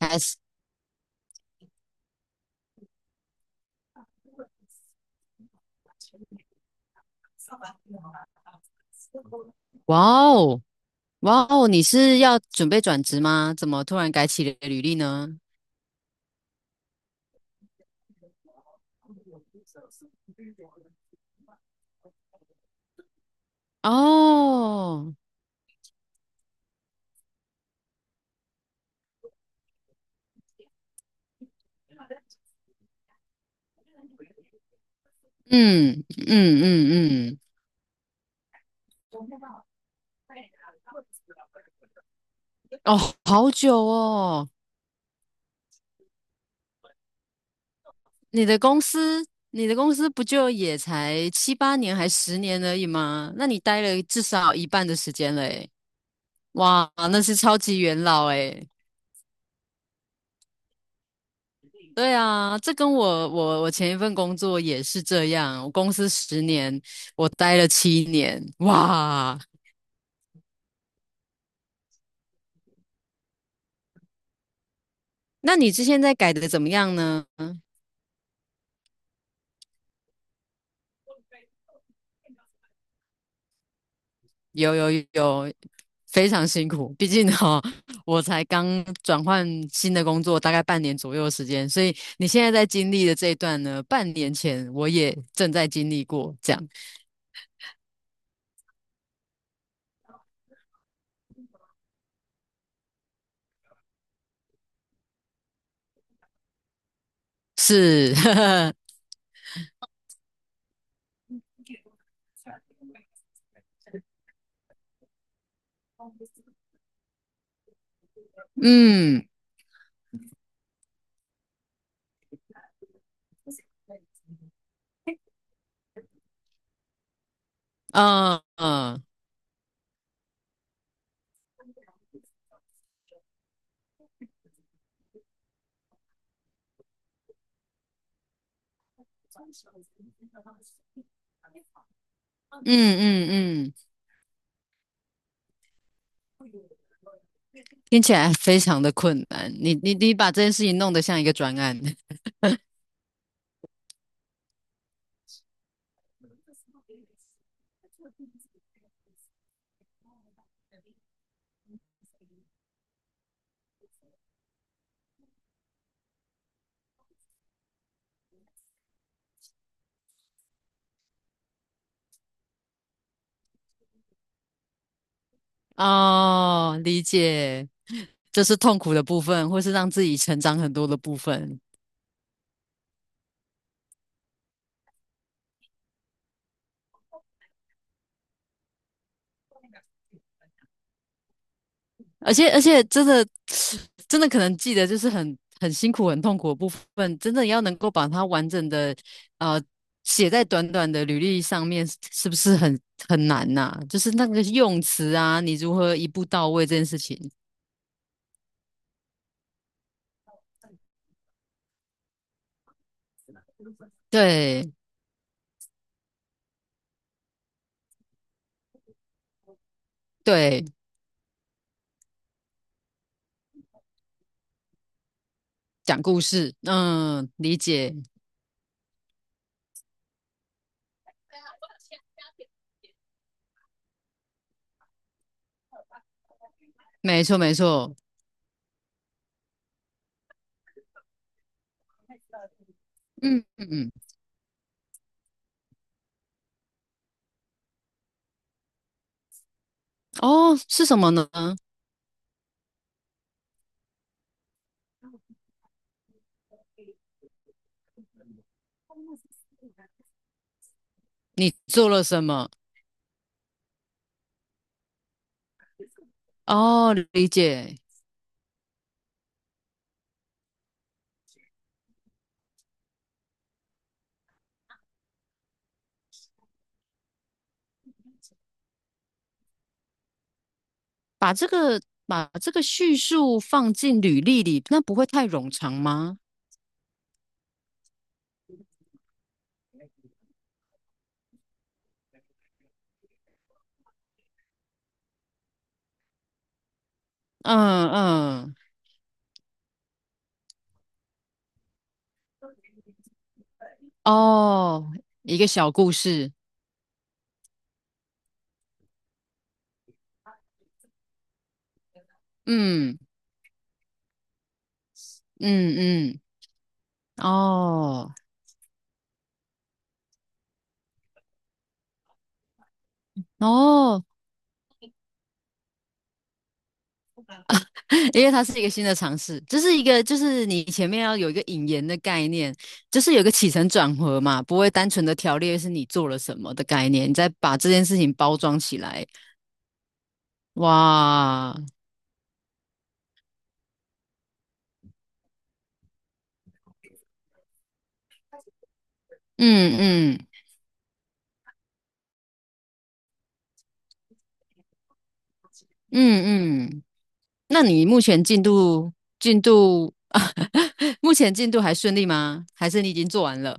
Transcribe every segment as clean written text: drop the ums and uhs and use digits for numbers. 开始。哇哦，哇哦，你是要准备转职吗？怎么突然改起了履历呢？哦。嗯嗯嗯嗯。哦，好久哦。你的公司，你的公司不就也才七八年还十年而已吗？那你待了至少一半的时间嘞！哇，那是超级元老诶。对啊，这跟我前一份工作也是这样，我公司十年，我待了七年，哇。那你之前在改的怎么样呢？有有有，非常辛苦，毕竟哈、哦我才刚转换新的工作，大概半年左右的时间，所以你现在在经历的这一段呢，半年前我也正在经历过，这样是。嗯。嗯嗯嗯嗯，听起来非常的困难，你把这件事情弄得像一个专案。 哦，理解。这是痛苦的部分，或是让自己成长很多的部分。而且真的真的可能记得就是很很辛苦、很痛苦的部分，真的要能够把它完整的呃写在短短的履历上面，是不是很很难呐、就是那个用词啊，你如何一步到位这件事情，对对，讲故事，嗯，理解，没错没错，嗯嗯嗯，哦，是什么呢？你做了什么？哦，理解。把这个把这个叙述放进履历里，那不会太冗长吗？嗯嗯，哦，一个小故事，嗯嗯嗯，哦哦。因为它是一个新的尝试，这是一个就是你前面要有一个引言的概念，就是有个起承转合嘛，不会单纯的条列是你做了什么的概念，你再把这件事情包装起来，哇，嗯嗯。嗯嗯那你目前进度进度。 目前进度还顺利吗？还是你已经做完了？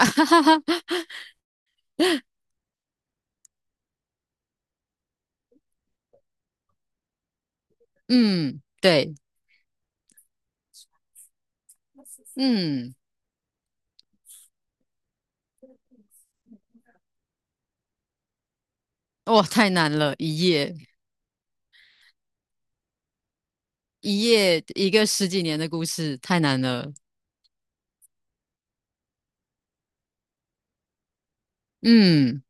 哈哈哈，嗯，对，嗯，哇，太难了，一页一页一个十几年的故事，太难了。嗯，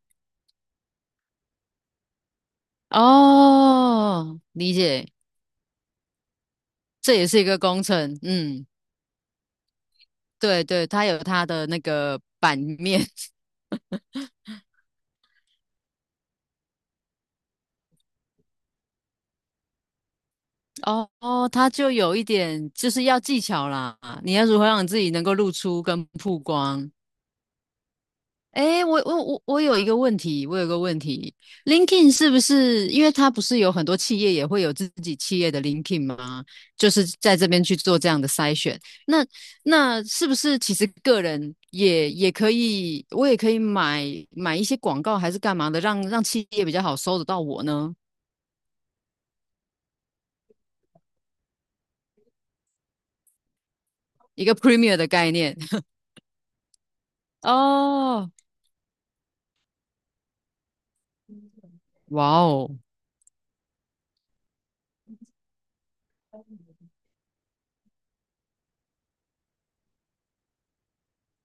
哦，理解，这也是一个工程。嗯，对对，它有它的那个版面。哦哦，它就有一点就是要技巧啦，你要如何让你自己能够露出跟曝光。哎，我有一个问题，我有个问题，LinkedIn 是不是因为它不是有很多企业也会有自己企业的 LinkedIn 吗？就是在这边去做这样的筛选。那那是不是其实个人也也可以，我也可以买买一些广告还是干嘛的，让让企业比较好搜得到我呢？一个 Premier 的概念。 哦，哇哦。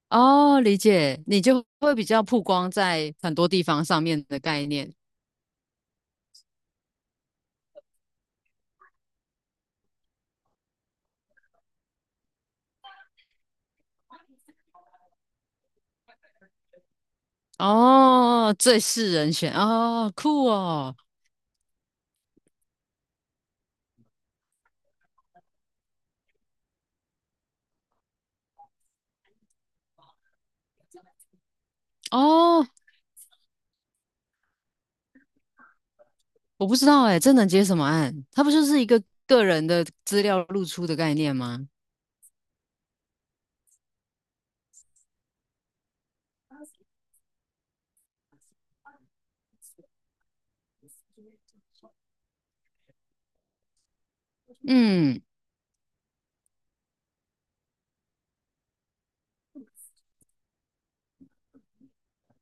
哦，理解，你就会比较曝光在很多地方上面的概念。哦，最是人选哦，酷哦，哦，我不知道哎，这能接什么案？它不就是一个个人的资料露出的概念吗？嗯，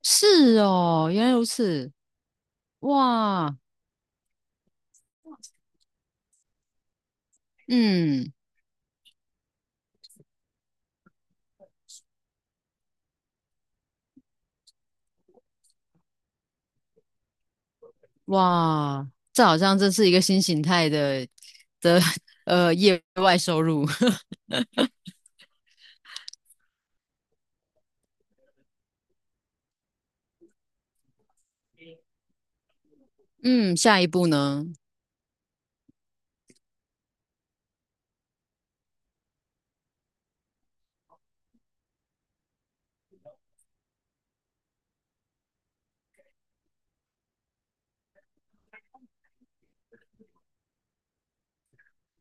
是哦，原来如此，哇，嗯，哇，这好像真是一个新形态的的。 业外收入。嗯，下一步呢？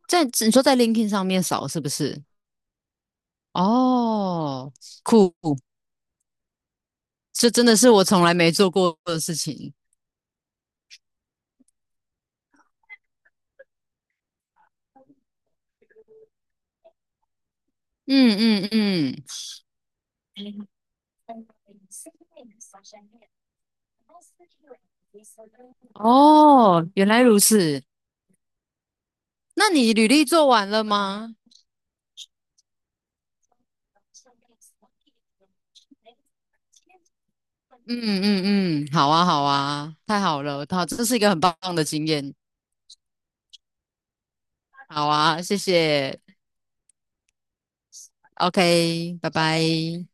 在你说在 LinkedIn 上面扫是不是？哦，酷，这真的是我从来没做过的事情。嗯嗯嗯，哦，原来如此。那你履历做完了吗？嗯嗯嗯，好啊好啊，太好了，好，这是一个很棒的经验。好啊，谢谢。OK,拜拜。